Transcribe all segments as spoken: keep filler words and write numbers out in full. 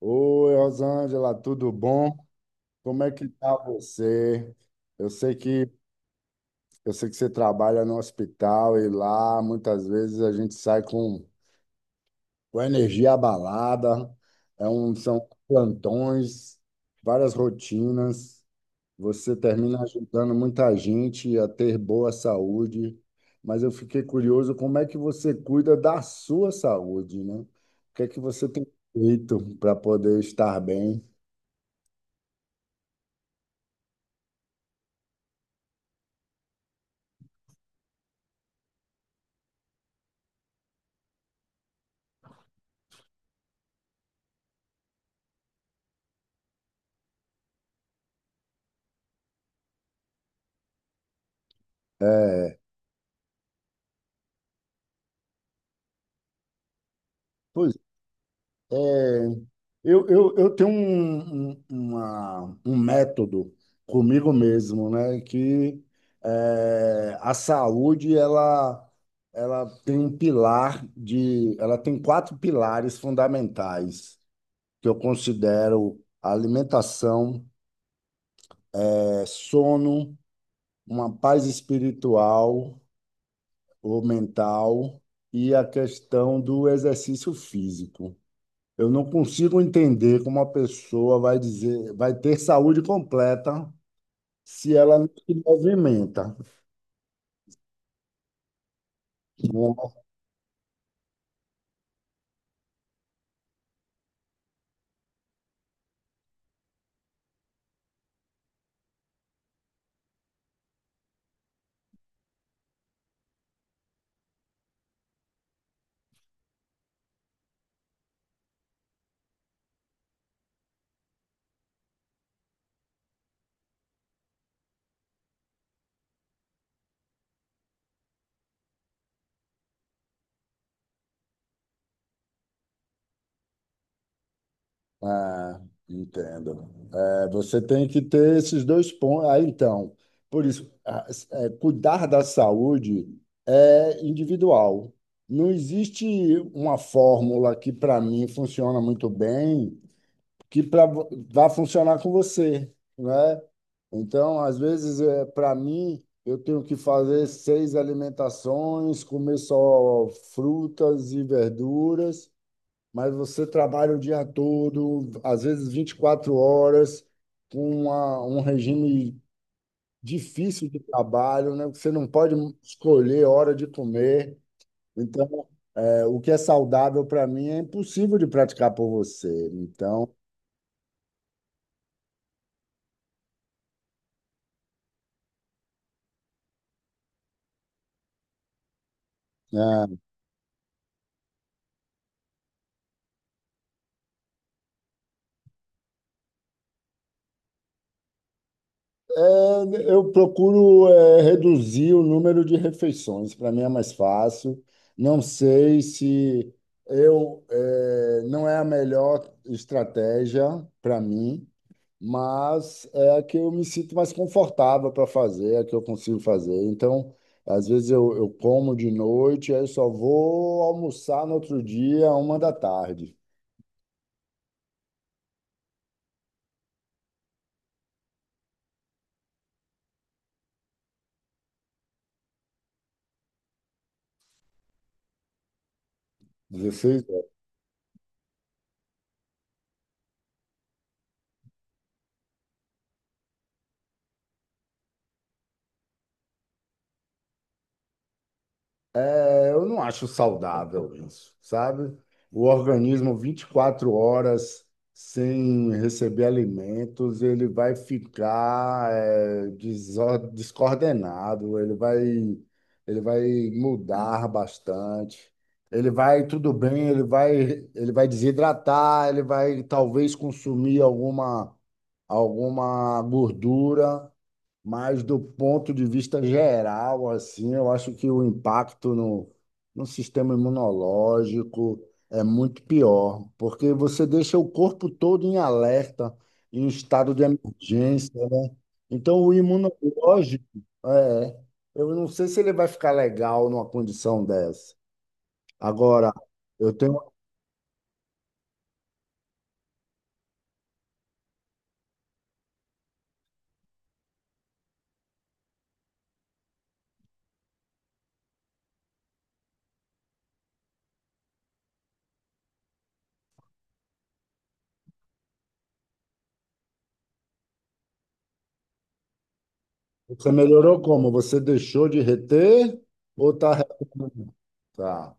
Oi, Rosângela, tudo bom? Como é que tá você? Eu sei que eu sei que você trabalha no hospital e lá muitas vezes a gente sai com, com a energia abalada, é um, são plantões, várias rotinas. Você termina ajudando muita gente a ter boa saúde, mas eu fiquei curioso como é que você cuida da sua saúde, né? O que é que você tem feito para poder estar bem? É, Pois É, eu, eu, eu tenho um, um, uma- um método comigo mesmo, né? Que é, a saúde, ela, ela tem um pilar de... Ela tem quatro pilares fundamentais que eu considero alimentação, é, sono, uma paz espiritual ou mental e a questão do exercício físico. Eu não consigo entender como uma pessoa vai dizer, vai ter saúde completa se ela não se movimenta. Ah, entendo. É, você tem que ter esses dois pontos. Ah, então, por isso, ah, é, Cuidar da saúde é individual. Não existe uma fórmula que, para mim, funciona muito bem que pra, vo- vai funcionar com você, né? Então, às vezes, é, para mim, eu tenho que fazer seis alimentações, comer só frutas e verduras, mas você trabalha o dia todo, às vezes vinte e quatro horas, com uma, um regime difícil de trabalho, né? Você não pode escolher a hora de comer. Então, é, o que é saudável para mim é impossível de praticar por você. Então, é, É, Eu procuro, eh, reduzir o número de refeições, para mim é mais fácil. Não sei se eu, eh, não é a melhor estratégia para mim, mas é a que eu me sinto mais confortável para fazer, é a que eu consigo fazer. Então, às vezes eu, eu como de noite, aí eu só vou almoçar no outro dia, uma da tarde. dezesseis. É, eu não acho saudável isso, sabe? O organismo vinte e quatro horas sem receber alimentos, ele vai ficar é, desor- descoordenado, ele vai, ele vai mudar bastante. Ele vai, tudo bem, ele vai, ele vai desidratar, ele vai talvez consumir alguma, alguma gordura, mas do ponto de vista geral, assim, eu acho que o impacto no, no sistema imunológico é muito pior, porque você deixa o corpo todo em alerta, em estado de emergência, né? Então, o imunológico, é, eu não sei se ele vai ficar legal numa condição dessa. Agora, eu tenho, você melhorou como? Você deixou de reter ou tá? Tá.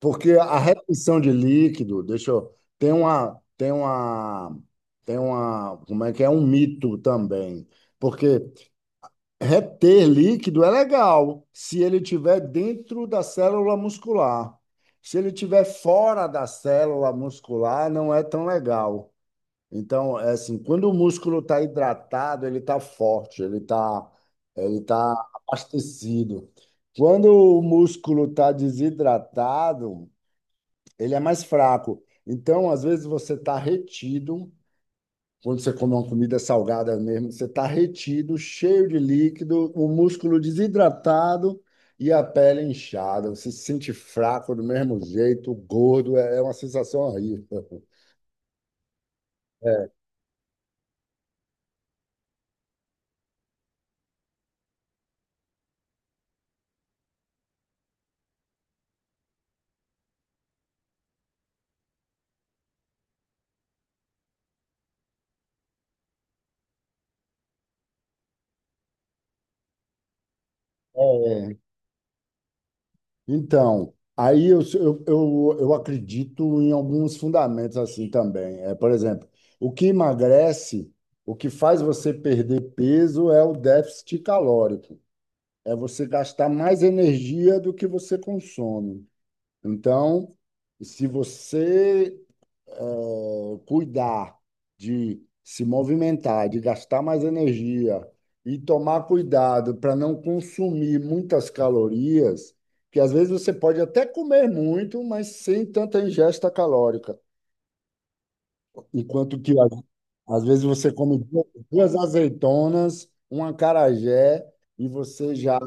Porque a retenção de líquido, deixa eu, tem uma, tem uma, tem uma, como é que é? Um mito também. Porque reter líquido é legal se ele estiver dentro da célula muscular. Se ele estiver fora da célula muscular, não é tão legal. Então, é assim, quando o músculo está hidratado, ele está forte, ele está ele tá abastecido. Quando o músculo está desidratado, ele é mais fraco. Então, às vezes, você está retido, quando você come uma comida salgada mesmo, você está retido, cheio de líquido, o músculo desidratado e a pele inchada. Você se sente fraco do mesmo jeito, gordo, é é uma sensação horrível. É, então, aí eu, eu, eu, eu acredito em alguns fundamentos assim também. É, por exemplo, o que emagrece, o que faz você perder peso é o déficit calórico. É você gastar mais energia do que você consome. Então, se você eh, cuidar de se movimentar, de gastar mais energia e tomar cuidado para não consumir muitas calorias, que às vezes você pode até comer muito, mas sem tanta ingesta calórica. Enquanto que às às vezes você come du- duas azeitonas, um acarajé e você já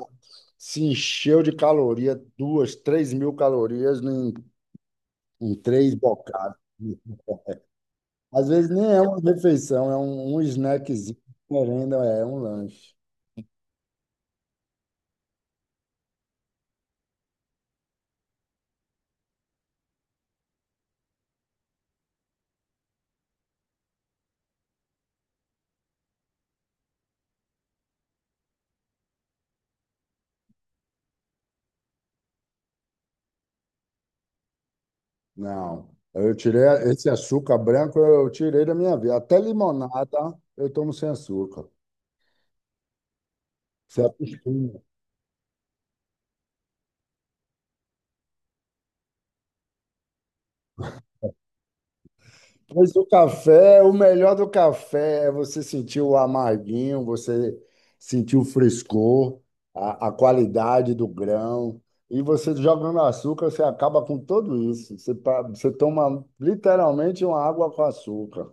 se encheu de caloria, duas, três mil calorias em, em três bocados. Às vezes nem é uma refeição, é um, um snackzinho, merenda, é um lanche. Não, eu tirei esse açúcar branco, eu tirei da minha vida. Até limonada eu tomo sem açúcar. Você acostuma. Mas o café, o melhor do café é você sentir o amarguinho, você sentir o frescor, a, a qualidade do grão. E você jogando açúcar, você acaba com tudo isso. Você, pa- você toma literalmente uma água com açúcar.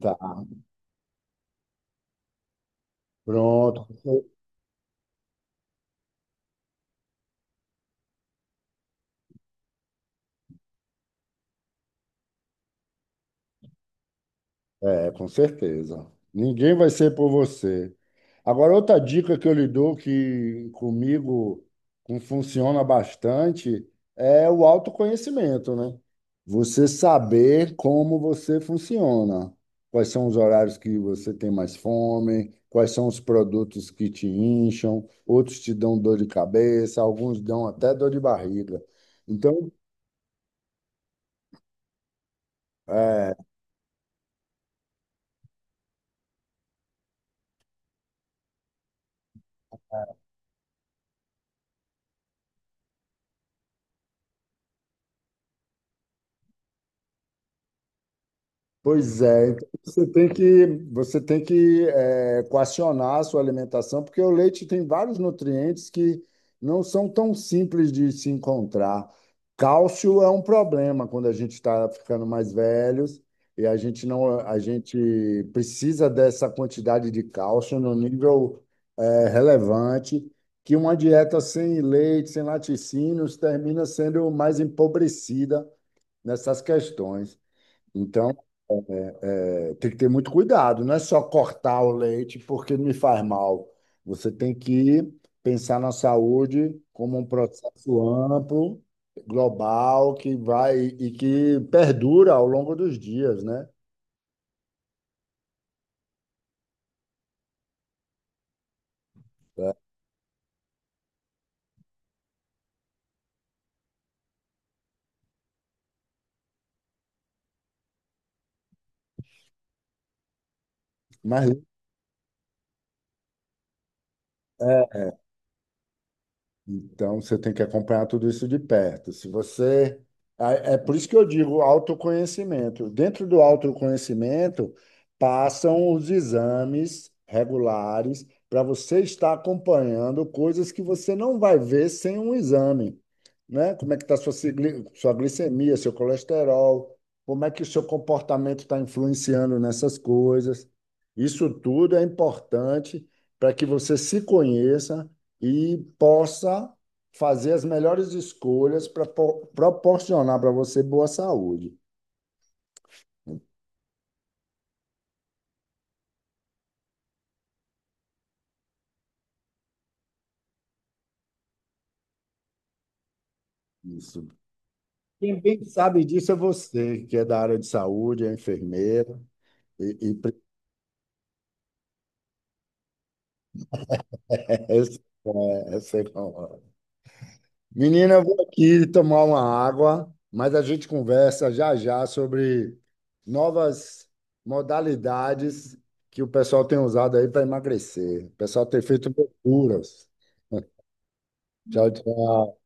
Tá, pronto. É, com certeza. Ninguém vai ser por você. Agora, outra dica que eu lhe dou, que comigo com- funciona bastante, é o autoconhecimento, né? Você saber como você funciona, quais são os horários que você tem mais fome, quais são os produtos que te incham, outros te dão dor de cabeça, alguns dão até dor de barriga. Então, é, Pois é, então você tem que, você tem que eh, coacionar a sua alimentação, porque o leite tem vários nutrientes que não são tão simples de se encontrar. Cálcio é um problema quando a gente está ficando mais velhos e a gente não, a gente precisa dessa quantidade de cálcio no nível eh, relevante, que uma dieta sem leite, sem laticínios, termina sendo mais empobrecida nessas questões. Então tem que ter muito cuidado, não é só cortar o leite porque me faz mal. Você tem que pensar na saúde como um processo amplo, global, que vai e que perdura ao longo dos dias, né? É. Mas é, Então, você tem que acompanhar tudo isso de perto. Se você. É é por isso que eu digo autoconhecimento. Dentro do autoconhecimento, passam os exames regulares para você estar acompanhando coisas que você não vai ver sem um exame, né? Como é que está sua, sigli- sua glicemia, seu colesterol, como é que o seu comportamento está influenciando nessas coisas. Isso tudo é importante para que você se conheça e possa fazer as melhores escolhas para proporcionar para você boa saúde. Isso. Quem bem sabe disso é você, que é da área de saúde, é enfermeira e, e essa- é, essa é a- Menina, eu vou aqui tomar uma água, mas a gente conversa já já sobre novas modalidades que o pessoal tem usado aí para emagrecer. O pessoal tem feito loucuras. Tchau, tchau.